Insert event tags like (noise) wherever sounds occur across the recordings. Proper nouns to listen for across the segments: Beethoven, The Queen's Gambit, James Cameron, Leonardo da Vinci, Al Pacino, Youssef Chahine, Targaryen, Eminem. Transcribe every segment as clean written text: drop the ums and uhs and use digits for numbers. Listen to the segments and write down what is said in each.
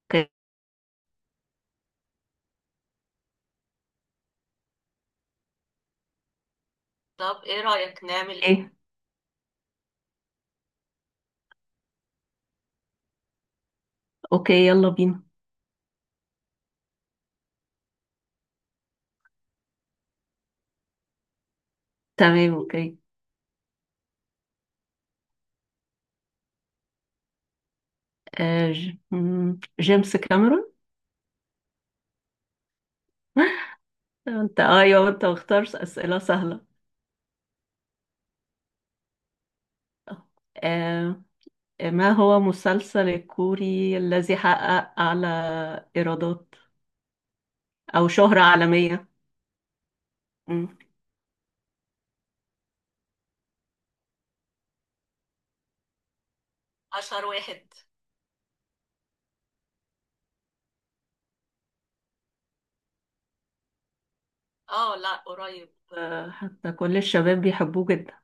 اوكي. طب ايه رأيك نعمل ايه؟ اوكي، يلا بينا. تمام، اوكي. آه ج... مم، جيمس كاميرون. انت ايوه انت مختار اسئله سهله. آه ما هو مسلسل الكوري الذي حقق اعلى ايرادات او شهره عالميه؟ مم. اشهر واحد. اه، لا قريب. آه، حتى كل الشباب بيحبوه جدا.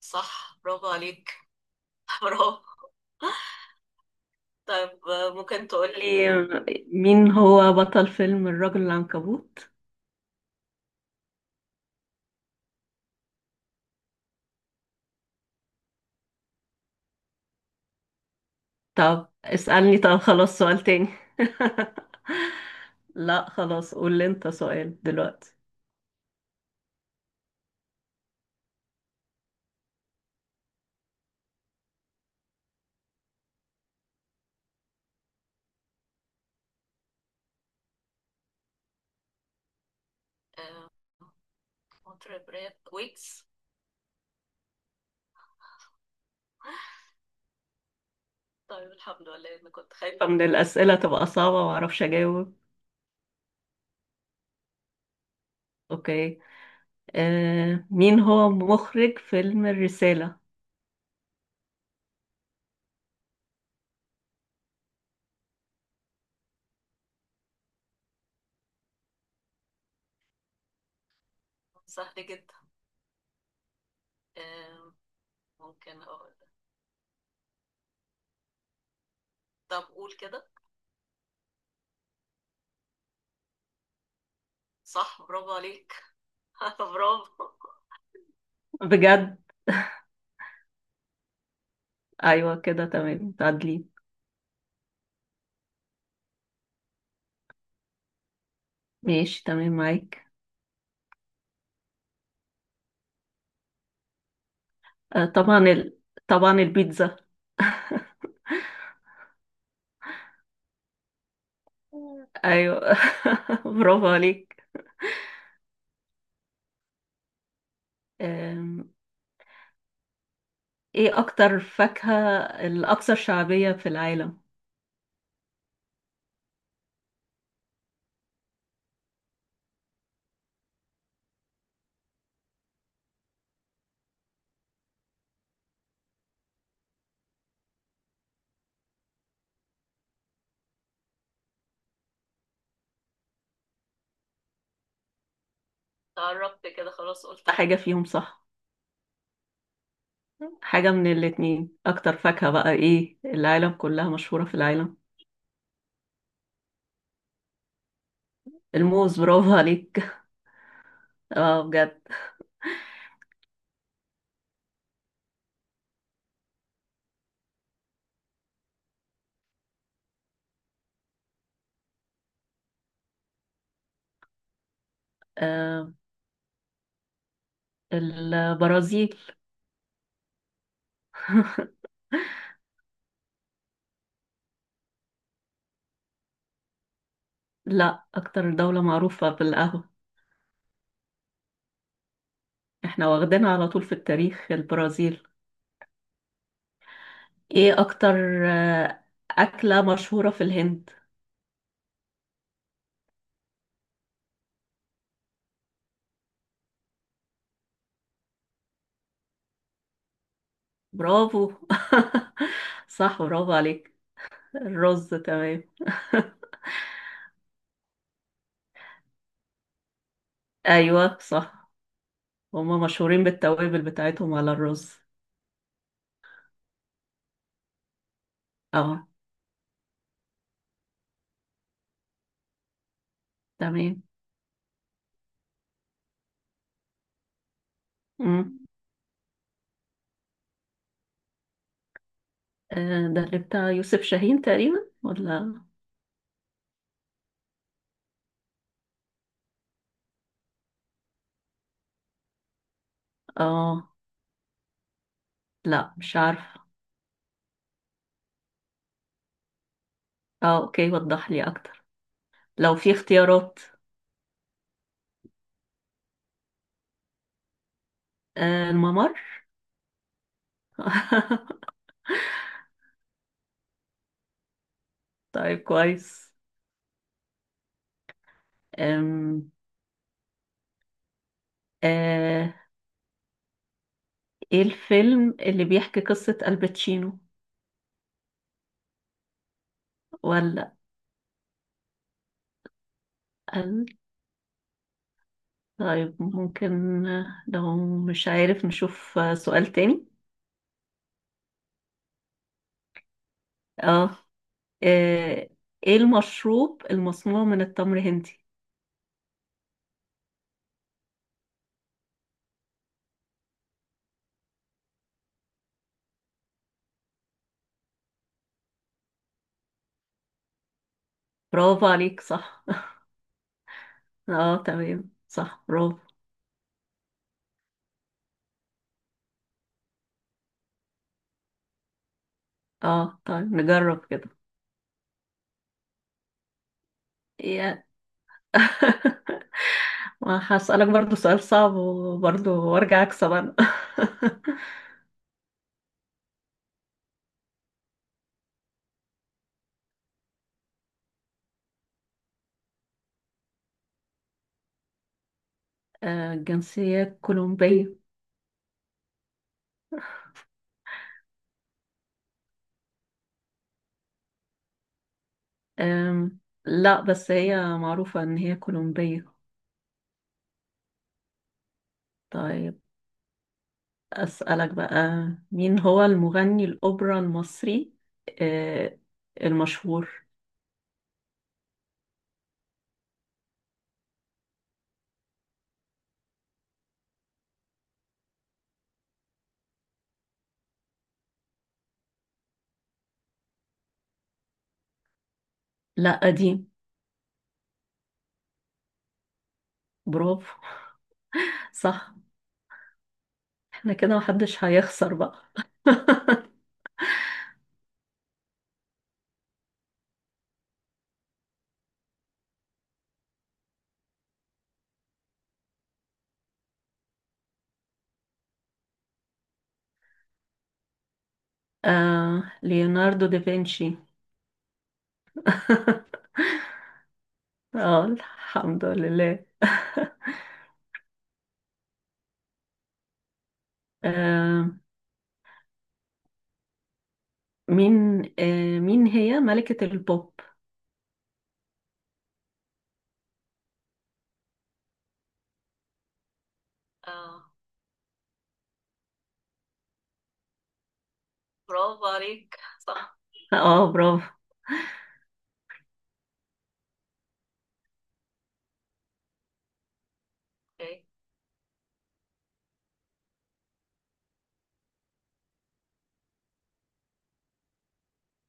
صح، برافو عليك. (laughs) برافو. طب ممكن تقولي، مين هو بطل فيلم الرجل العنكبوت؟ طب اسألني، طب خلاص سؤال تاني. (laughs) لا خلاص، قول لي انت سؤال دلوقتي. آه، مطرب راب ويجز. طيب الحمد لله، انا كنت خايفة من الأسئلة تبقى صعبة ومعرفش أجاوب. أوكي. آه، مين هو مخرج فيلم الرسالة؟ سهل جدا. آه، ممكن اقول؟ طب قول كده. صح، برافو عليك. (laughs) برافو بجد. أيوة كده تمام، تعدلي. ماشي تمام معاك. طبعا طبعا البيتزا. ايوه. (laughs) برافو عليك. أم، ايه اكتر فاكهة الاكثر شعبية في العالم؟ قربت كده خلاص، قلت حاجة فيهم صح. حاجة من الاتنين، اكتر فاكهة بقى ايه العالم كلها، مشهورة في العالم. الموز، برافو عليك. (laughs) اه بجد. أم، البرازيل. (laughs) لا اكتر دولة معروفة بالقهوة. احنا واخدينها على طول في التاريخ، البرازيل. ايه اكتر آه، اكلة مشهورة في الهند؟ برافو. (laughs) صح، برافو عليك. الرز تمام. (laughs) ايوه صح. هما مشهورين بالتوابل بتاعتهم على الرز. اه تمام. امم، آه ده اللي بتاع يوسف شاهين تقريبا، ولا؟ اه. لا مش عارفه. اه اوكي، وضح لي اكتر. لو في اختيارات. آه الممر. (laughs) طيب كويس. أم. آه، ايه الفيلم اللي بيحكي قصة الباتشينو، ولا؟ طيب ممكن، لو مش عارف نشوف سؤال تاني. اه. آه، ايه المشروب المصنوع من التمر هندي؟ برافو عليك صح. (laughs) اه تمام، صح برافو. اه طيب نجرب كده. يا. (laughs) ما هسألك برضو سؤال صعب وبرضو وارجع اكسب انا. (laughs) آه، جنسية كولومبية. آم، لا بس هي معروفة ان هي كولومبية. طيب أسألك بقى، مين هو المغني الأوبرا المصري آه، المشهور؟ لا قديم. برافو صح. احنا كده محدش هيخسر بقى. (laughs) آه، ليوناردو دافنشي. (laughs) اه الحمد لله. (laughs) آه، مين هي ملكة البوب؟ آه برافو عليك صح. اه برافو. اوكي.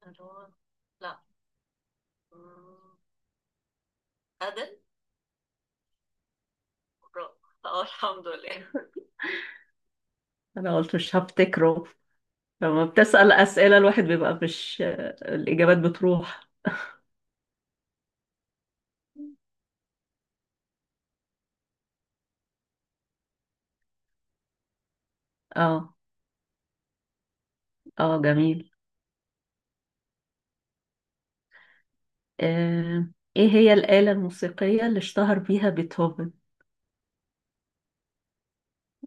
ألو. لا. أمم، أدل. برافو، اه الحمد لله، انا قلت مش هفتكره. لما بتسأل أسئلة الواحد بيبقى مش، الإجابات بتروح. اه. اه جميل. آه. ايه هي الآلة الموسيقية اللي اشتهر بيها بيتهوفن؟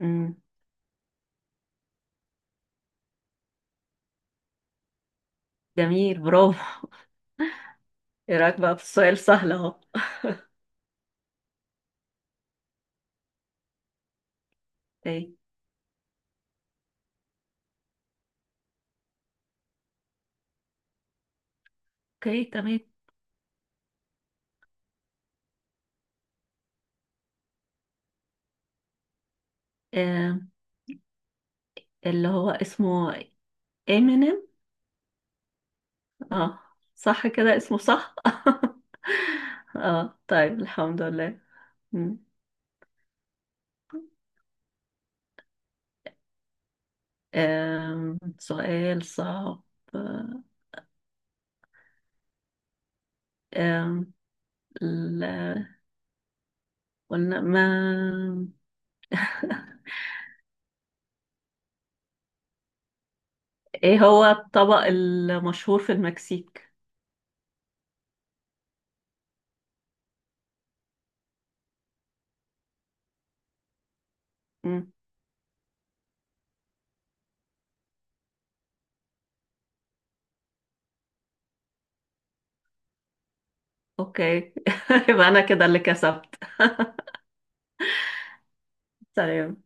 مم. جميل برافو. (laughs) ايه رأيك بقى في السؤال سهل اهو. اوكي. اوكي تمام. آه. اللي هو اسمه امينيم. اه. صح كده اسمه صح. (laughs) اه طيب الحمد لله. مم. آم، سؤال صعب. آم، ال- قلنا ما (laughs) ايه هو الطبق المشهور في المكسيك؟ مم. اوكي. (laughs) يبقى انا كده اللي كسبت. سلام.